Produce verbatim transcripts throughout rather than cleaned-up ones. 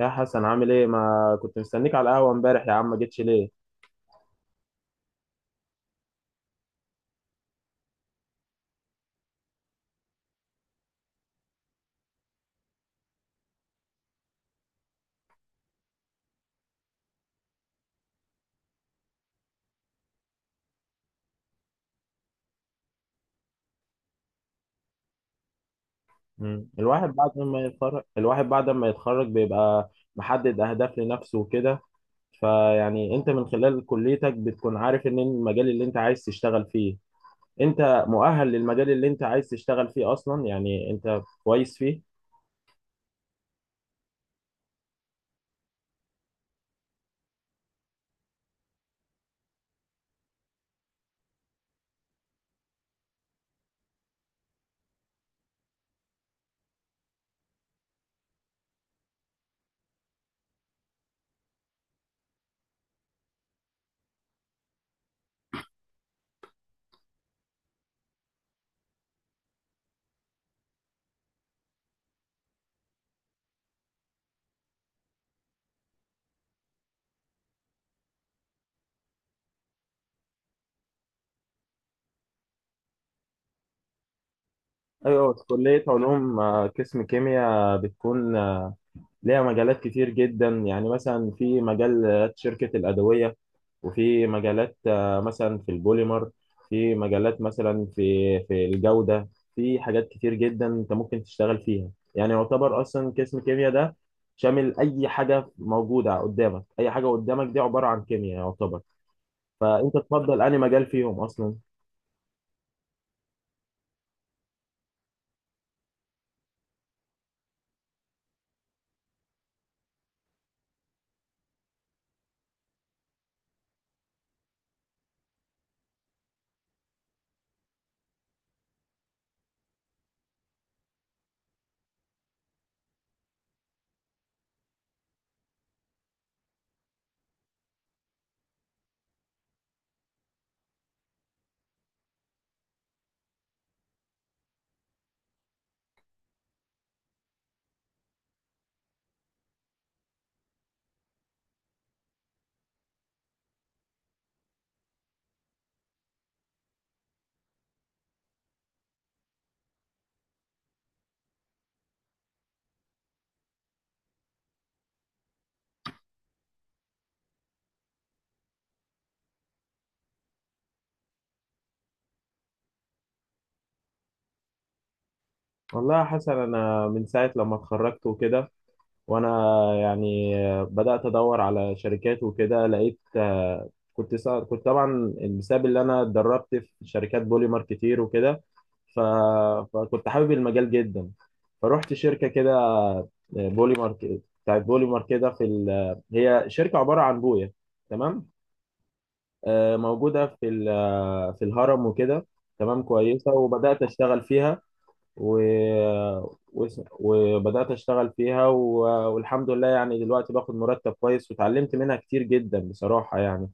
يا حسن، عامل ايه؟ ما كنت مستنيك على القهوه امبارح يا عم، ما جيتش ليه؟ مم. الواحد بعد ما يتخرج الواحد بعد ما يتخرج بيبقى محدد اهداف لنفسه وكده. فيعني انت من خلال كليتك بتكون عارف ان المجال اللي انت عايز تشتغل فيه، انت مؤهل للمجال اللي انت عايز تشتغل فيه اصلا، يعني انت كويس فيه. ايوه، في كليه علوم آه، قسم كيمياء بتكون آه، ليها مجالات كتير جدا، يعني مثلا في مجال آه، شركه الادويه، وفي مجالات آه، مثلا في البوليمر، في مجالات مثلا في في الجودة، في حاجات كتير جدا انت ممكن تشتغل فيها، يعني يعتبر اصلا قسم كيمياء ده شامل اي حاجة موجودة قدامك، اي حاجة قدامك دي عبارة عن كيمياء يعتبر، فانت تفضل انهي مجال فيهم اصلا. والله يا حسن، انا من ساعة لما اتخرجت وكده وانا يعني بدات ادور على شركات وكده، لقيت آه، كنت سا... كنت طبعا بسبب اللي انا اتدربت في شركات بوليمر كتير وكده. ف... فكنت حابب المجال جدا، فروحت شركه كده آه، بوليمر ك- بتاعت بوليمر كده في ال... هي شركه عباره عن بويه تمام، آه، موجوده في ال... آه، في الهرم وكده. تمام كويسه، وبدات اشتغل فيها و... و... وبدأت أشتغل فيها و... والحمد لله يعني دلوقتي باخد مرتب كويس، وتعلمت منها كتير جدا بصراحة يعني.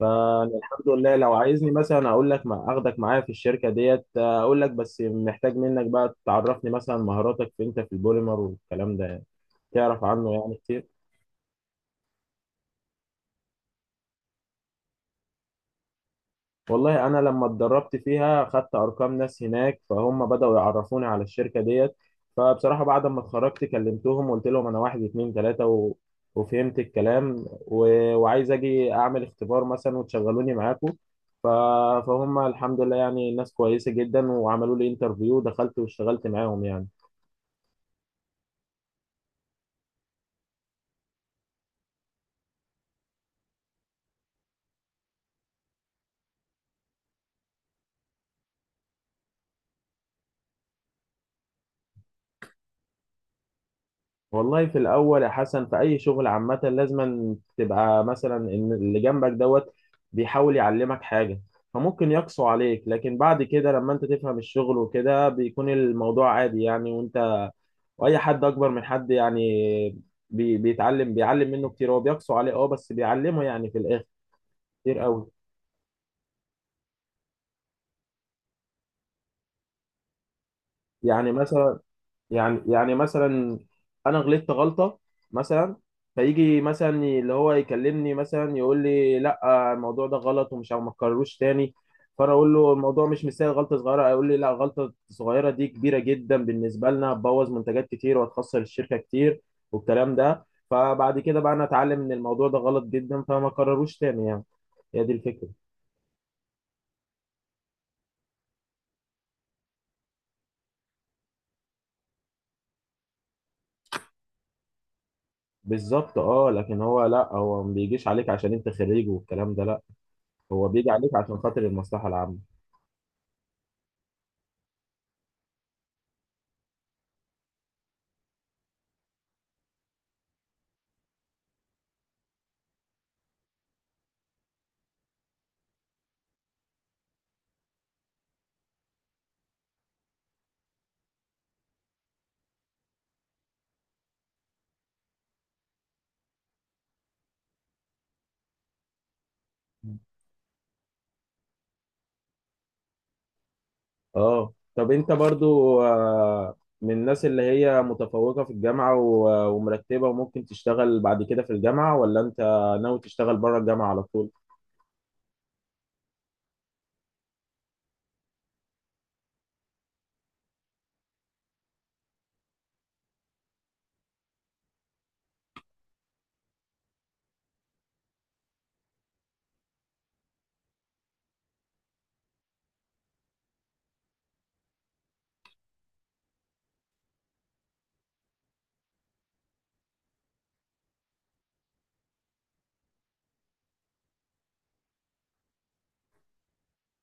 فالحمد لله، لو عايزني مثلا أقول لك ما أخدك معايا في الشركة ديت، أقول لك بس محتاج منك بقى تعرفني مثلا مهاراتك في أنت في البوليمر والكلام ده، يعني تعرف عنه يعني كتير. والله انا لما اتدربت فيها خدت ارقام ناس هناك، فهم بداوا يعرفوني على الشركه ديت. فبصراحه بعد ما اتخرجت كلمتهم وقلت لهم انا واحد اتنين تلاته و... وفهمت الكلام و... وعايز اجي اعمل اختبار مثلا وتشغلوني معاكم. ف... فهم الحمد لله يعني ناس كويسه جدا، وعملوا لي انترفيو، دخلت واشتغلت معاهم يعني. والله في الاول يا حسن، في اي شغل عامه لازم تبقى مثلا ان اللي جنبك دوت بيحاول يعلمك حاجه، فممكن يقسو عليك، لكن بعد كده لما انت تفهم الشغل وكده بيكون الموضوع عادي يعني. وانت واي حد اكبر من حد يعني بي بيتعلم بيعلم منه كتير، هو بيقسو عليه اه بس بيعلمه يعني في الاخر كتير قوي. يعني مثلا يعني يعني مثلا انا غلطت غلطه مثلا، فيجي مثلا اللي هو يكلمني مثلا يقول لي لا الموضوع ده غلط ومش ما تكرروش تاني. فانا اقول له الموضوع مش مستاهل غلطه صغيره، يقول لي لا، غلطه صغيره دي كبيره جدا بالنسبه لنا، هتبوظ منتجات كتير وهتخسر الشركه كتير والكلام ده. فبعد كده بقى انا اتعلم ان الموضوع ده غلط جدا فما كرروش تاني يعني، هي دي الفكره. بالظبط اه، لكن هو لا هو ما بيجيش عليك عشان انت خريج والكلام ده، لا هو بيجي عليك عشان خاطر المصلحه العامه. اه طب، انت برضو آه، من الناس اللي هي متفوقة في الجامعة و- ومرتبة وممكن تشتغل بعد كده في الجامعة، ولا انت ناوي تشتغل بره الجامعة على طول؟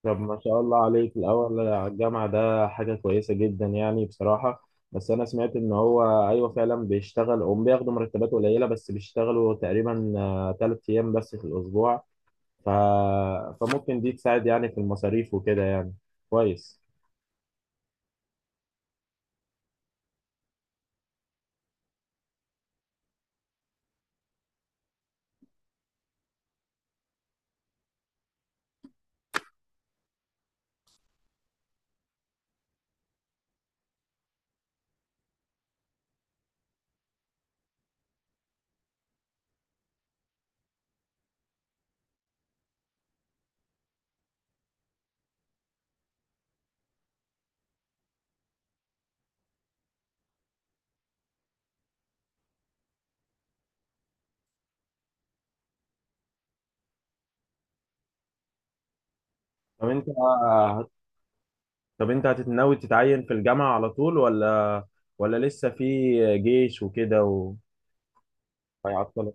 طب ما شاء الله عليك، الاول على الجامعة ده حاجة كويسة جدا يعني بصراحة. بس انا سمعت ان هو ايوه فعلا بيشتغل، هم بياخدوا مرتبات قليلة بس بيشتغلوا تقريبا آه، تلات ايام بس في الاسبوع. ف... فممكن دي تساعد يعني في المصاريف وكده يعني كويس. طب انت طب انت هتتناوي تتعين في الجامعة على طول، ولا ولا لسه في جيش وكده وهيعطل؟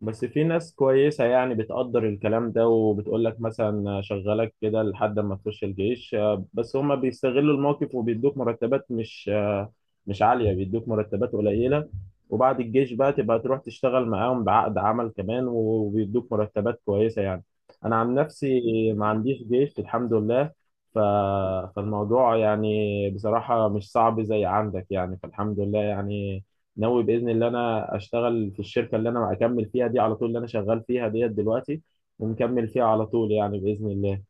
بس في ناس كويسة يعني بتقدر الكلام ده، وبتقول لك مثلا شغلك كده لحد ما تخش الجيش آه، بس هما بيستغلوا الموقف وبيدوك مرتبات مش آه، مش عالية، بيدوك مرتبات قليلة، وبعد الجيش بقى تبقى تروح تشتغل معاهم بعقد عمل كمان وبيدوك مرتبات كويسة يعني. أنا عن نفسي ما عنديش جيش الحمد لله. ف... فالموضوع يعني بصراحة مش صعب زي عندك يعني، فالحمد لله يعني ناوي باذن الله انا اشتغل في الشركه اللي انا اكمل فيها دي على طول، اللي انا شغال فيها ديت دلوقتي ومكمل فيها على طول يعني باذن الله.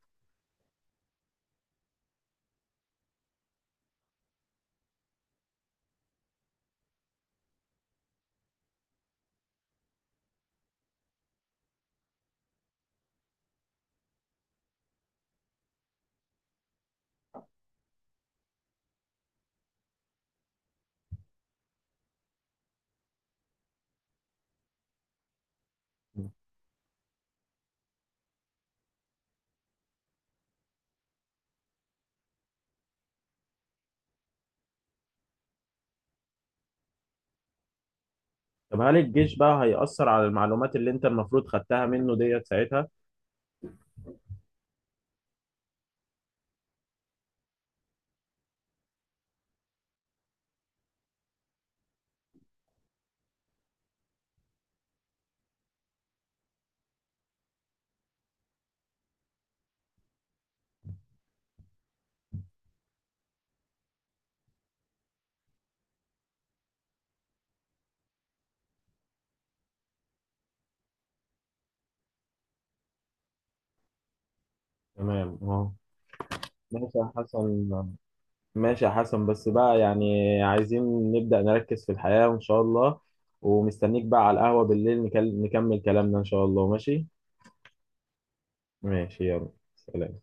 طب هل الجيش بقى هيأثر على المعلومات اللي انت المفروض خدتها منه ديت ساعتها؟ تمام اه. ماشي يا حسن ماشي يا حسن بس بقى يعني عايزين نبدأ نركز في الحياة وان شاء الله، ومستنيك بقى على القهوة بالليل نكل- نكمل كلامنا ان شاء الله. ماشي ماشي يلا، سلام.